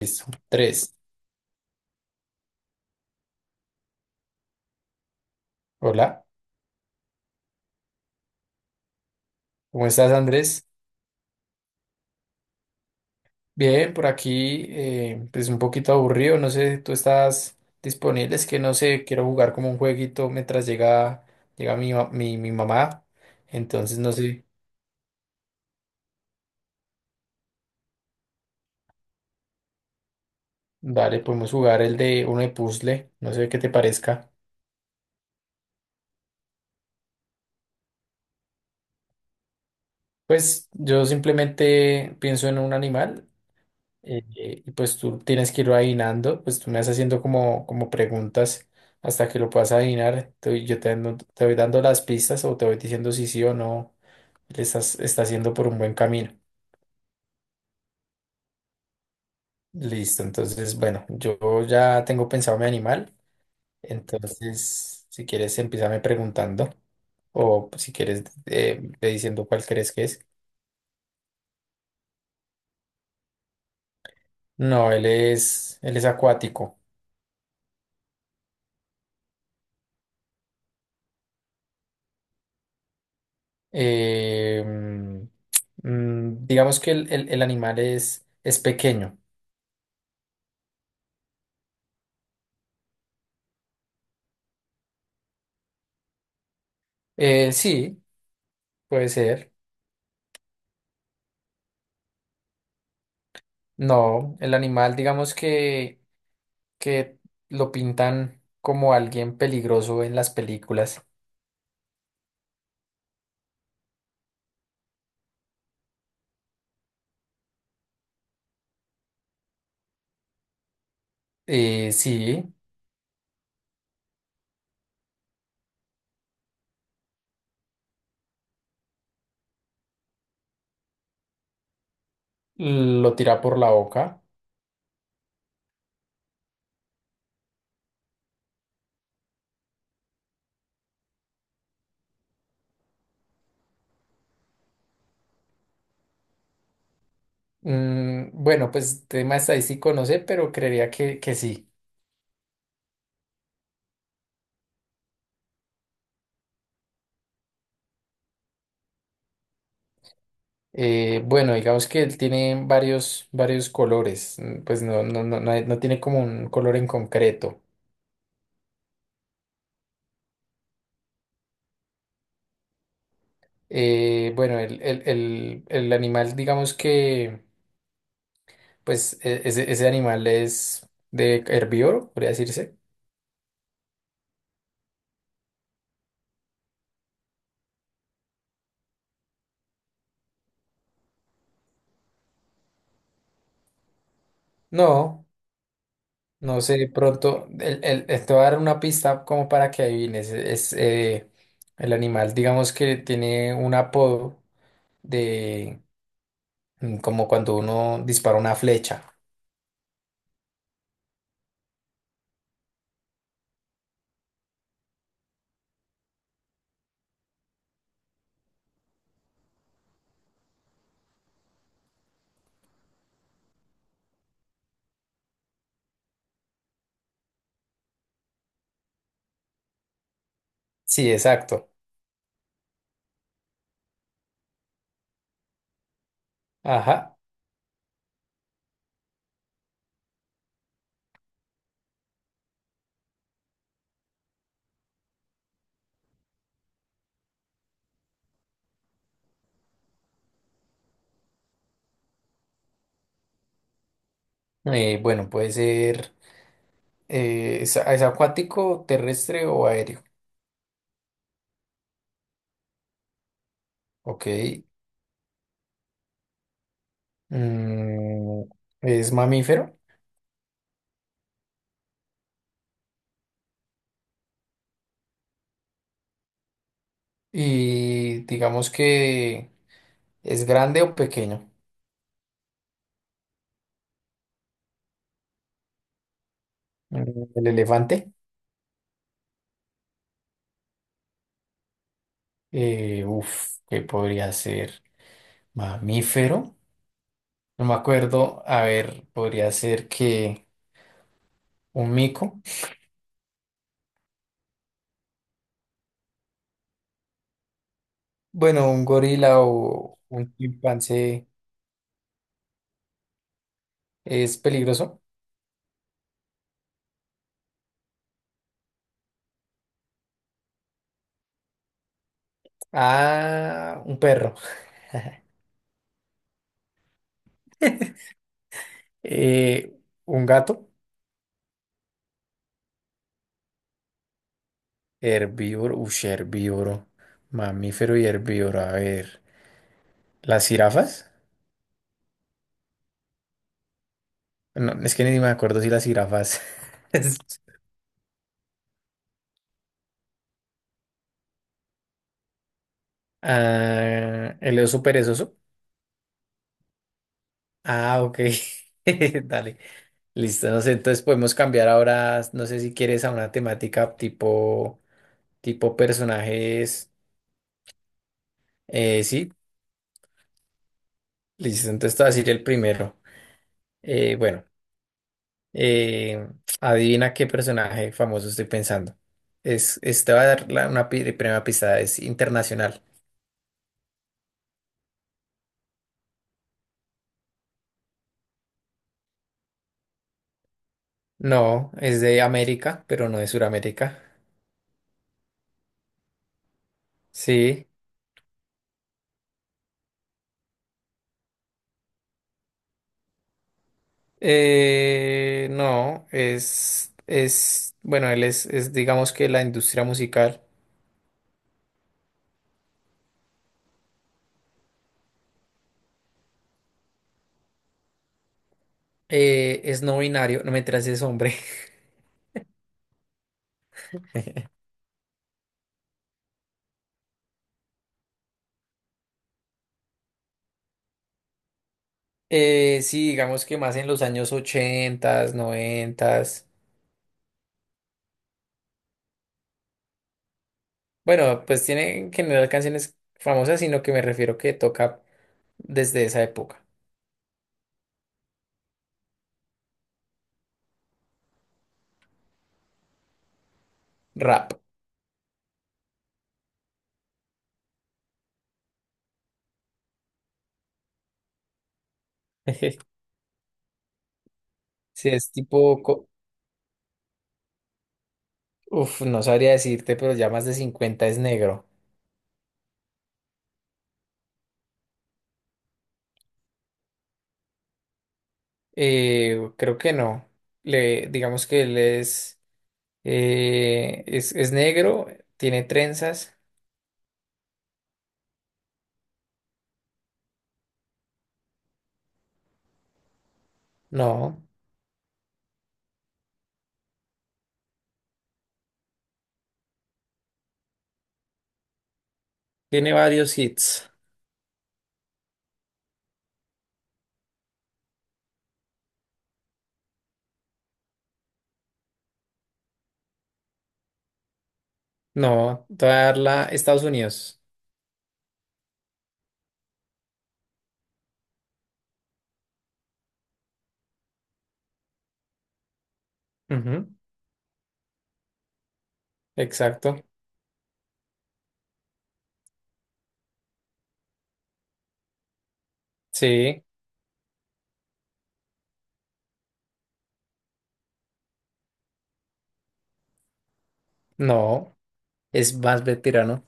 Listo. Tres. Hola, ¿cómo estás, Andrés? Bien, por aquí, pues un poquito aburrido, no sé, tú estás disponible, es que no sé, quiero jugar como un jueguito mientras llega mi mamá, entonces no sé, dale, podemos jugar el de uno de puzzle, no sé qué te parezca. Pues yo simplemente pienso en un animal, y pues tú tienes que ir adivinando, pues tú me vas haciendo como preguntas hasta que lo puedas adivinar. Te voy dando las pistas o te voy diciendo si sí o no le estás, está haciendo por un buen camino. Listo, entonces, bueno, yo ya tengo pensado mi animal, entonces si quieres empiezame preguntando o pues, si quieres, ve diciendo cuál crees que es. No, él es acuático. Eh, mm, digamos que el animal es pequeño. Sí, puede ser. No, el animal, digamos que lo pintan como alguien peligroso en las películas. Sí, lo tira por la boca. Mm, bueno, pues tema estadístico no sé, pero creería que sí. Bueno, digamos que él tiene varios colores. Mm, pues no tiene como un color en concreto. Bueno, el animal, digamos que, pues ese animal es de herbívoro, podría decirse. No, no sé, de pronto, te voy a dar una pista como para que adivines. Es, el animal, digamos que tiene un apodo de, mm, como cuando uno dispara una flecha. Sí, exacto. Ajá. Bueno, puede ser, es acuático, terrestre o aéreo. Ok. Mm, es mamífero y digamos que es grande o pequeño. Mm, el elefante, uf, que podría ser mamífero. No me acuerdo. A ver, podría ser que un mico. Bueno, un gorila o un chimpancé es peligroso. Ah, un perro. Eh, un gato. Herbívoro, ush, herbívoro. Mamífero y herbívoro. A ver. ¿Las jirafas? No, es que ni me acuerdo si las jirafas. es- Ah, el oso perezoso. Ah, ok. Dale. Listo. No sé, entonces podemos cambiar ahora, no sé si quieres a una temática tipo personajes. Sí, listo. Entonces te voy a decir el primero. Bueno, eh, adivina qué personaje famoso estoy pensando. Es, este va a dar la primera pista, es internacional. No, es de América, pero no de Sudamérica. Sí, no, bueno, él es, digamos que la industria musical, es no binario, no me es hombre. Sí, digamos que más en los años 80, 90, bueno, pues tiene en general canciones famosas, sino que me refiero que toca desde esa época, rap. Si es tipo, co- uf, no sabría decirte, pero ya más de 50 es negro. Creo que no, le, digamos que él es. Es negro, tiene trenzas. No, tiene varios hits. No, te voy a dar la Estados Unidos. Ujú, exacto. Sí, no, es más veterano.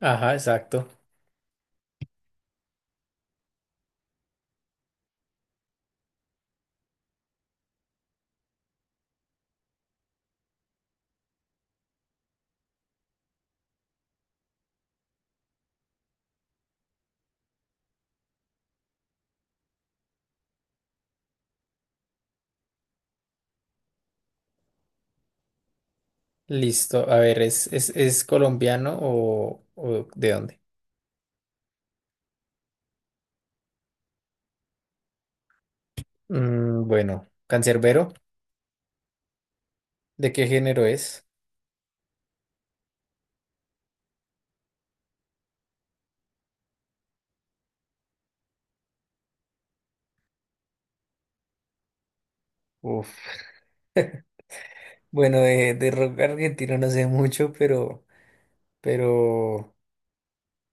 Ajá, exacto. Listo. A ver, es colombiano o de dónde? Mm, bueno, cancerbero, ¿de qué género es? Uf. Bueno, de rock argentino no sé mucho, pero,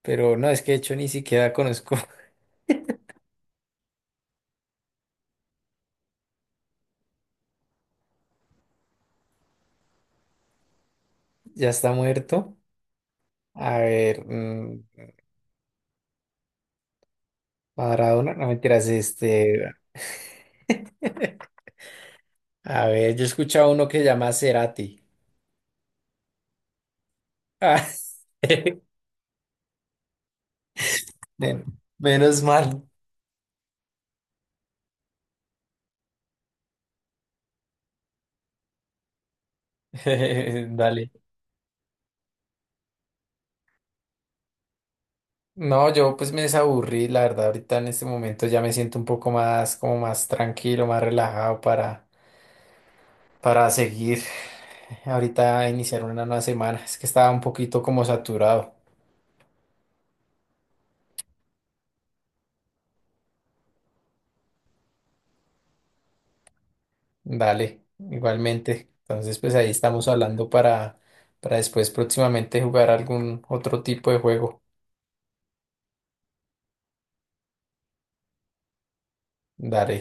pero no, es que de hecho ni siquiera conozco. Ya está muerto. A ver, mm, Maradona, no mentiras, este. A ver, yo he escuchado uno que llama Cerati. Ah, men- menos mal. Dale. No, yo pues me desaburrí, la verdad, ahorita en este momento ya me siento un poco más, como más tranquilo, más relajado para seguir ahorita iniciar una nueva semana. Es que estaba un poquito como saturado. Dale, igualmente. Entonces, pues ahí estamos hablando para después próximamente jugar algún otro tipo de juego. Dale.